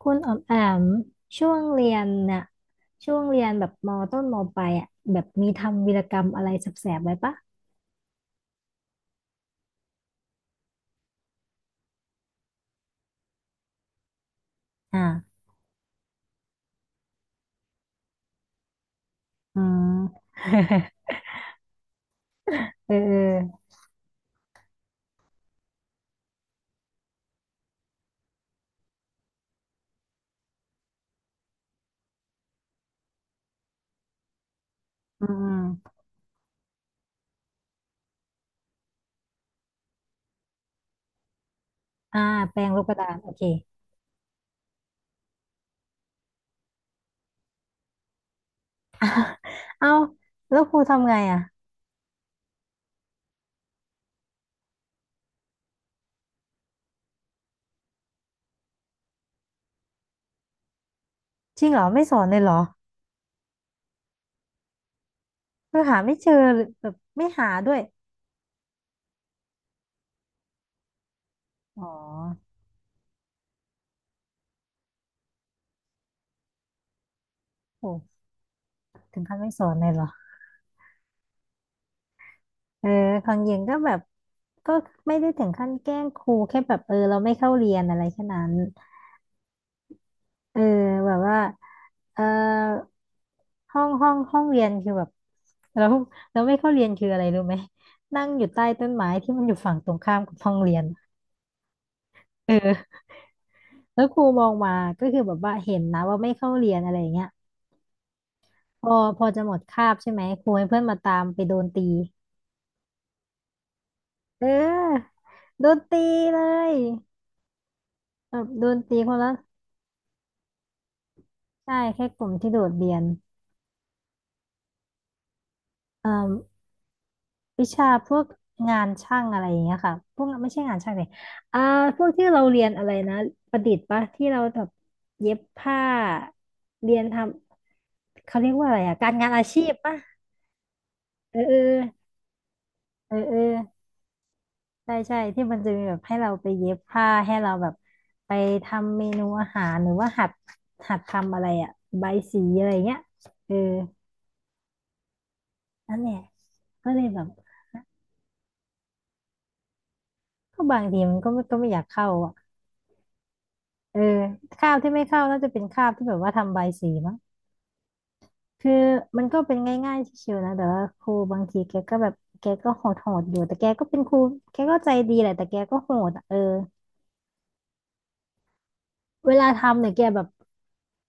คุณออมแอมช่วงเรียนน่ะช่วงเรียนแบบมต้นมปลายอ่ะแบบมีทำวีรกรรมอะไรแสบๆไว้ปะอ่าอืมเออเอออืมอ่าแปรงลบกระดานโอเคเอาแล้วครูทำไงอ่ะจริงเหรอไม่สอนเลยเหรอคือหาไม่เจอหรือแบบไม่หาด้วยอ๋อโหถึงขั้นไม่สอนเลยเหรอเออของเย็นก็แบบก็ไม่ได้ถึงขั้นแกล้งครูแค่แบบเออเราไม่เข้าเรียนอะไรแค่นั้น เออแบบว่าเออห้องเรียนคือแบบเราเราไม่เข้าเรียนคืออะไรรู้ไหมนั่งอยู่ใต้ต้นไม้ที่มันอยู่ฝั่งตรงข้ามกับห้องเรียนเออแล้วครูมองมาก็คือแบบว่าเห็นนะว่าไม่เข้าเรียนอะไรอย่างเงี้ยพอพอจะหมดคาบใช่ไหมครูให้เพื่อนมาตามไปโดนตีเออโดนตีเลยแบบโดนตีคนละใช่แค่กลุ่มที่โดดเรียนเออ วิชาพวกงานช่างอะไรอย่างเงี้ยค่ะพวกไม่ใช่งานช่างเลยอ่าพวกที่เราเรียนอะไรนะประดิษฐ์ปะที่เราแบบเย็บผ้าเรียนทำเขาเรียกว่าอะไรอะการงานอาชีพปะเออเออเออเออใช่ใช่ที่มันจะมีแบบให้เราไปเย็บผ้าให้เราแบบไปทำเมนูอาหารหรือว่าหัดทำอะไรอะใบายสีอะไรเงี้ยเออนั่นแหละก็เลยแบบก็บางทีมันก็ไม่ก็ไม่อยากเข้าอะ เออข้าวที่ไม่เข้าน่าจะเป็นข้าวที่แบบว่าทำใบสีมั้งคือมันก็เป็นง่ายๆชิวๆนะแต่ว่าครูบางทีแกก็แบบแกก็โหดโหดอยู่แต่แกก็เป็นครูแกก็ใจดีแหละแต่แกก็โหดอะเออเวลาทำเนี่ยแกแบบ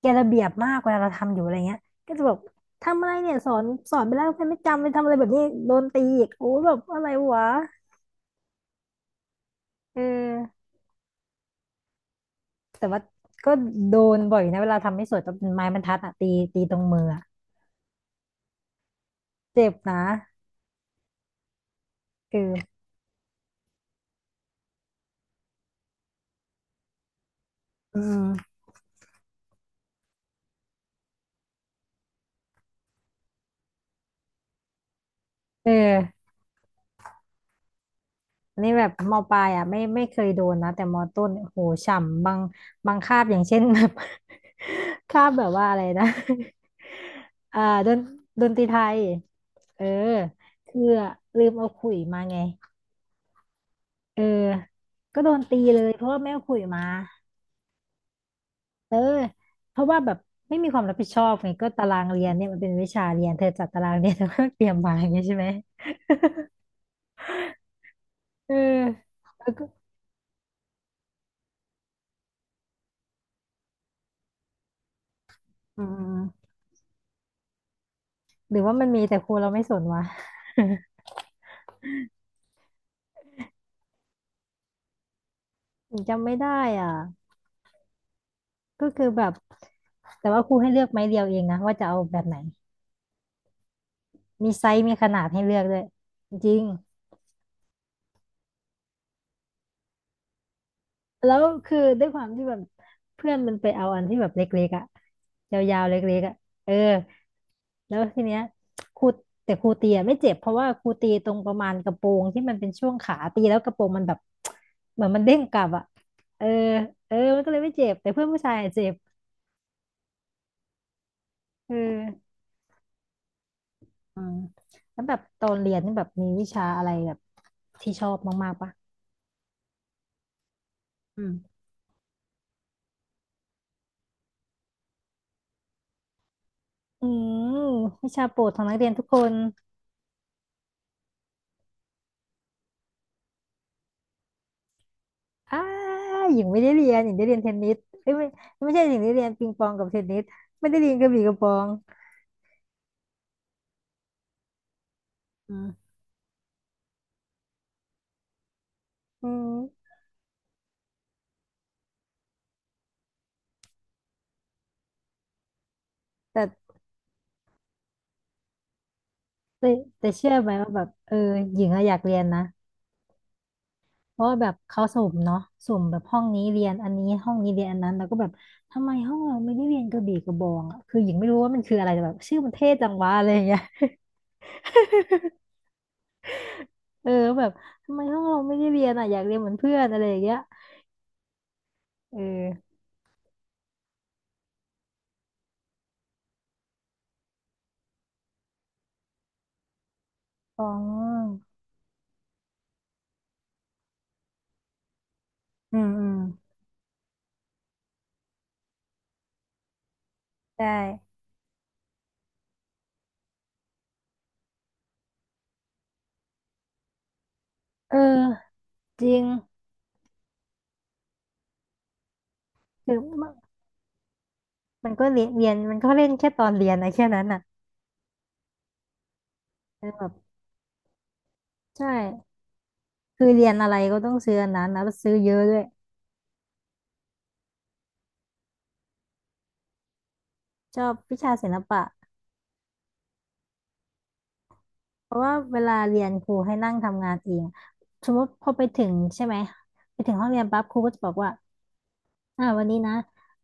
แกระเบียบมากเวลาเราทำอยู่อะไรเงี้ยก็จะแบบทำอะไรเนี่ยสอนไปแล้วใครไม่จำไปทำอะไรแบบนี้โดนตีอีกโอ้แบบอะไรวะเออแต่ว่าก็โดนบ่อยนะเวลาทำไม่สวยต้องเป็นไม้บรรทัดอะตีตรงมืออะเจ็บนะเอออืมเออ นี่แบบมปลายอ่ะไม่เคยโดนนะแต่มต้นโอ้โหฉ่ำบางบางคาบอย่างเช่น แบบ คาบแบบว่าอะไรนะ อ่าดนดนตรีไทยเออคือลืมเอาขลุยมาไงเออก็โดนตีเลยเพราะว่าไม่เอาขลุยมาเออเพราะว่าแบบไม่มีความรับผิดชอบไงก็ตารางเรียนเนี่ยมันเป็นวิชาเรียนเธอจัดตารางเรียนเธอก็เตรียมมาอย่างเงี้ยใช่ไหมเออแล้วก็อืมหรือว่ามันมีแต่ครูเราไม่สนวะผมจำไม่ได้อ่ะ ก็คือแบบแต่ว่าครูให้เลือกไม้เดียวเองนะว่าจะเอาแบบไหนมีไซส์มีขนาดให้เลือกด้วยจริงแล้วคือด้วยความที่แบบเพื่อนมันไปเอาอันที่แบบเล็กๆอ่ะยาวๆเล็กๆอ่ะเออแล้วทีเนี้ยครูแต่ครูตีอะไม่เจ็บเพราะว่าครูตีตรงประมาณกระโปรงที่มันเป็นช่วงขาตีแล้วกระโปรงมันแบบ เหมือนมันเด้งกลับอ่ะเออเออมันก็เลยไม่เจ็บแต่เพื่อนผู้ชายอะเจ็บเออ อืมแล้วแบบตอนเรียนนี่แบบมีวิชาอะไรแบบที่ชอบมากๆปะอืมอืมวิชาโปรดของนักเรียนทุกคนอ้าหญิงไม่ได้เรียนหญิงได้เรียนเทนนิสเอ้ยไม่ไม่ใช่หญิงได้เรียนปิงปองกับเทนนิสไม่ได้เรียนกระบี่กระบองอืมอืมแต่แต่แต่เชื่อไหมว่าแบบเออหญิงอะอยากเรียนนะ เพราะว่าแบบเขาสุ่มเนาะสุ่มแบบห้องนี้เรียนอันนี้ห้องนี้เรียนอันนั้นแล้วก็แบบทำไมห้องเราไม่ได้เรียนกระบี่กระบองอ่ะคือหญิงไม่รู้ว่ามันคืออะไรแต่แบบชื่อมันเท่จังวะอะไรอย่างเงี้ย เออแบบทำไมห้องเราไม่ได้เรียนอ่ะอยากเรียนเหมือนเพื่อนอะไรอย่างเงี้ยเอออ๋ออืมอืมใช่เออจริงคือมันมันก็เรียนเรียนมันก็เล่นแค่ตอนเรียนนะแค่นั้นอ่ะเออแบบใช่คือเรียนอะไรก็ต้องซื้ออันนั้นนแล้วซื้อเยอะด้วยชอบวิชาศิลปะเพราะว่าเวลาเรียนครูให้นั่งทำงานเองสมมติพอไปถึงใช่ไหมไปถึงห้องเรียนปั๊บครูก็จะบอกว่า อ่าวันนี้นะ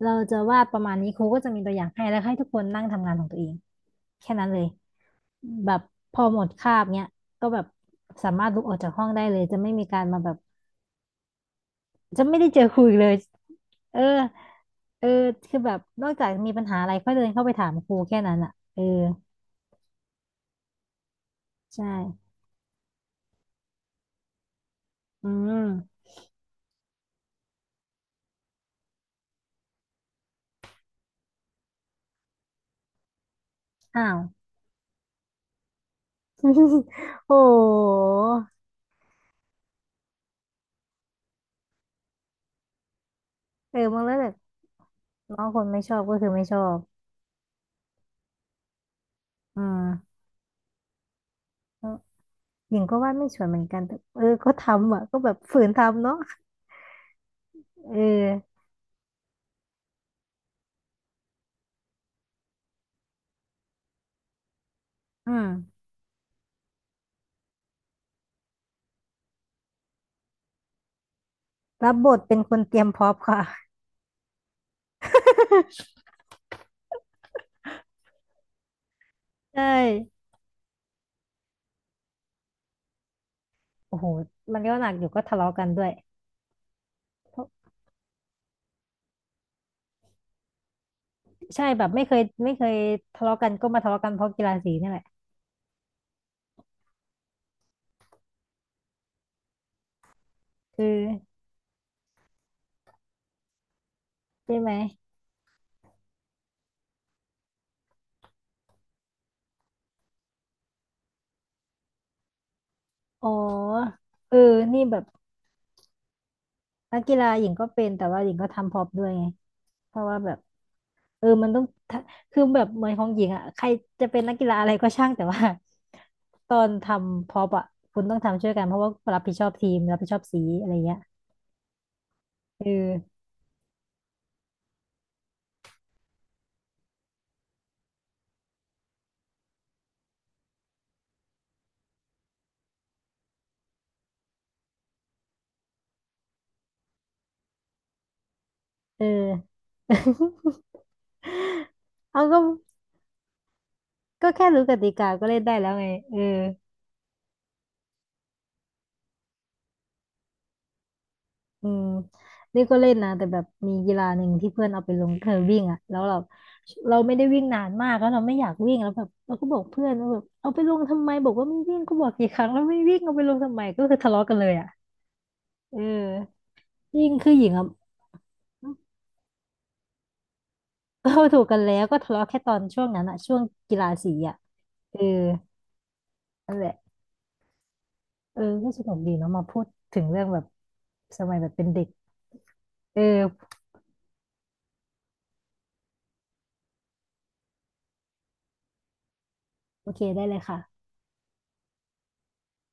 เราจะวาดประมาณนี้ครูก็จะมีตัวอย่างให้แล้วให้ทุกคนนั่งทำงานของตัวเองแค่นั้นเลยแบบพอหมดคาบเนี้ยก็แบบสามารถลุกออกจากห้องได้เลยจะไม่มีการมาแบบจะไม่ได้เจอครูอีกเลยเออเออคือแบบนอกจากมีปัญหาอะไรก็เดินเข้าไปถามครูแค่นั้นอ่ะเออใช่อืมอ้าว โอ้โหเออบางเรื่องแบบน้องคนไม่ชอบก็คือไม่ชอบอืม หญิงก็วาดไม่สวยเหมือนกันแต่เออก็ทำอ่ะก็แบบฝืนทำเนาะเอออืมรับบทเป็นคนเตรียมพร้อมค่ะใช่โอ้โหมันก็หนักอยู่ก็ทะเลาะกันด้วยเพราะใช่แบบไม่เคยทะเลาะกันก็มาทะเลาะกันเพราะกีฬาสีนี่แหละคือใช่ไหมอ๋อเออนี่แบบนักกีฬาหญิงก็เป็นแต่ว่าหญิงก็ทำพร็อพด้วยไงเพราะว่าแบบ เออมันต้องทะคือแบบเหมือนของหญิงอ่ะใครจะเป็นนักกีฬาอะไรก็ช่างแต่ว่าตอนทำพร็อพอ่ะคุณต้องทำช่วยกันเพราะว่ารับผิดชอบทีมรับผิดชอบสีอะไรเงี้ยเออเออ เอาก็ก็แค่รู้กติกาก็เล่นได้แล้วไงเอออืมนี่ก็เล่นนะแต่แบบมีกีฬาหนึ่งที่เพื่อนเอาไปลงเธอวิ่งอ่ะแล้วเราไม่ได้วิ่งนานมากแล้วเราไม่อยากวิ่งแล้วแบบเราก็บอกเพื่อนว่าแบบเอาไปลงทำไมบอกว่าไม่วิ่งก็บอกกี่ครั้งแล้วไม่วิ่งเอาไปลงทำไมก็คือทะเลาะกันเลยอ่ะ เออยิ่งคือหญิงอ่ะก็ถูกกันแล้วก็ทะเลาะแค่ตอนช่วงนั้นอ่ะช่วงกีฬาสีอ่ะเออนั่นแหละเออก็สนุกดีเนาะมาพูดถึงเรื่องแบบสมัยแบบเป็นเด็กเออโอเคได้เลยค่ะ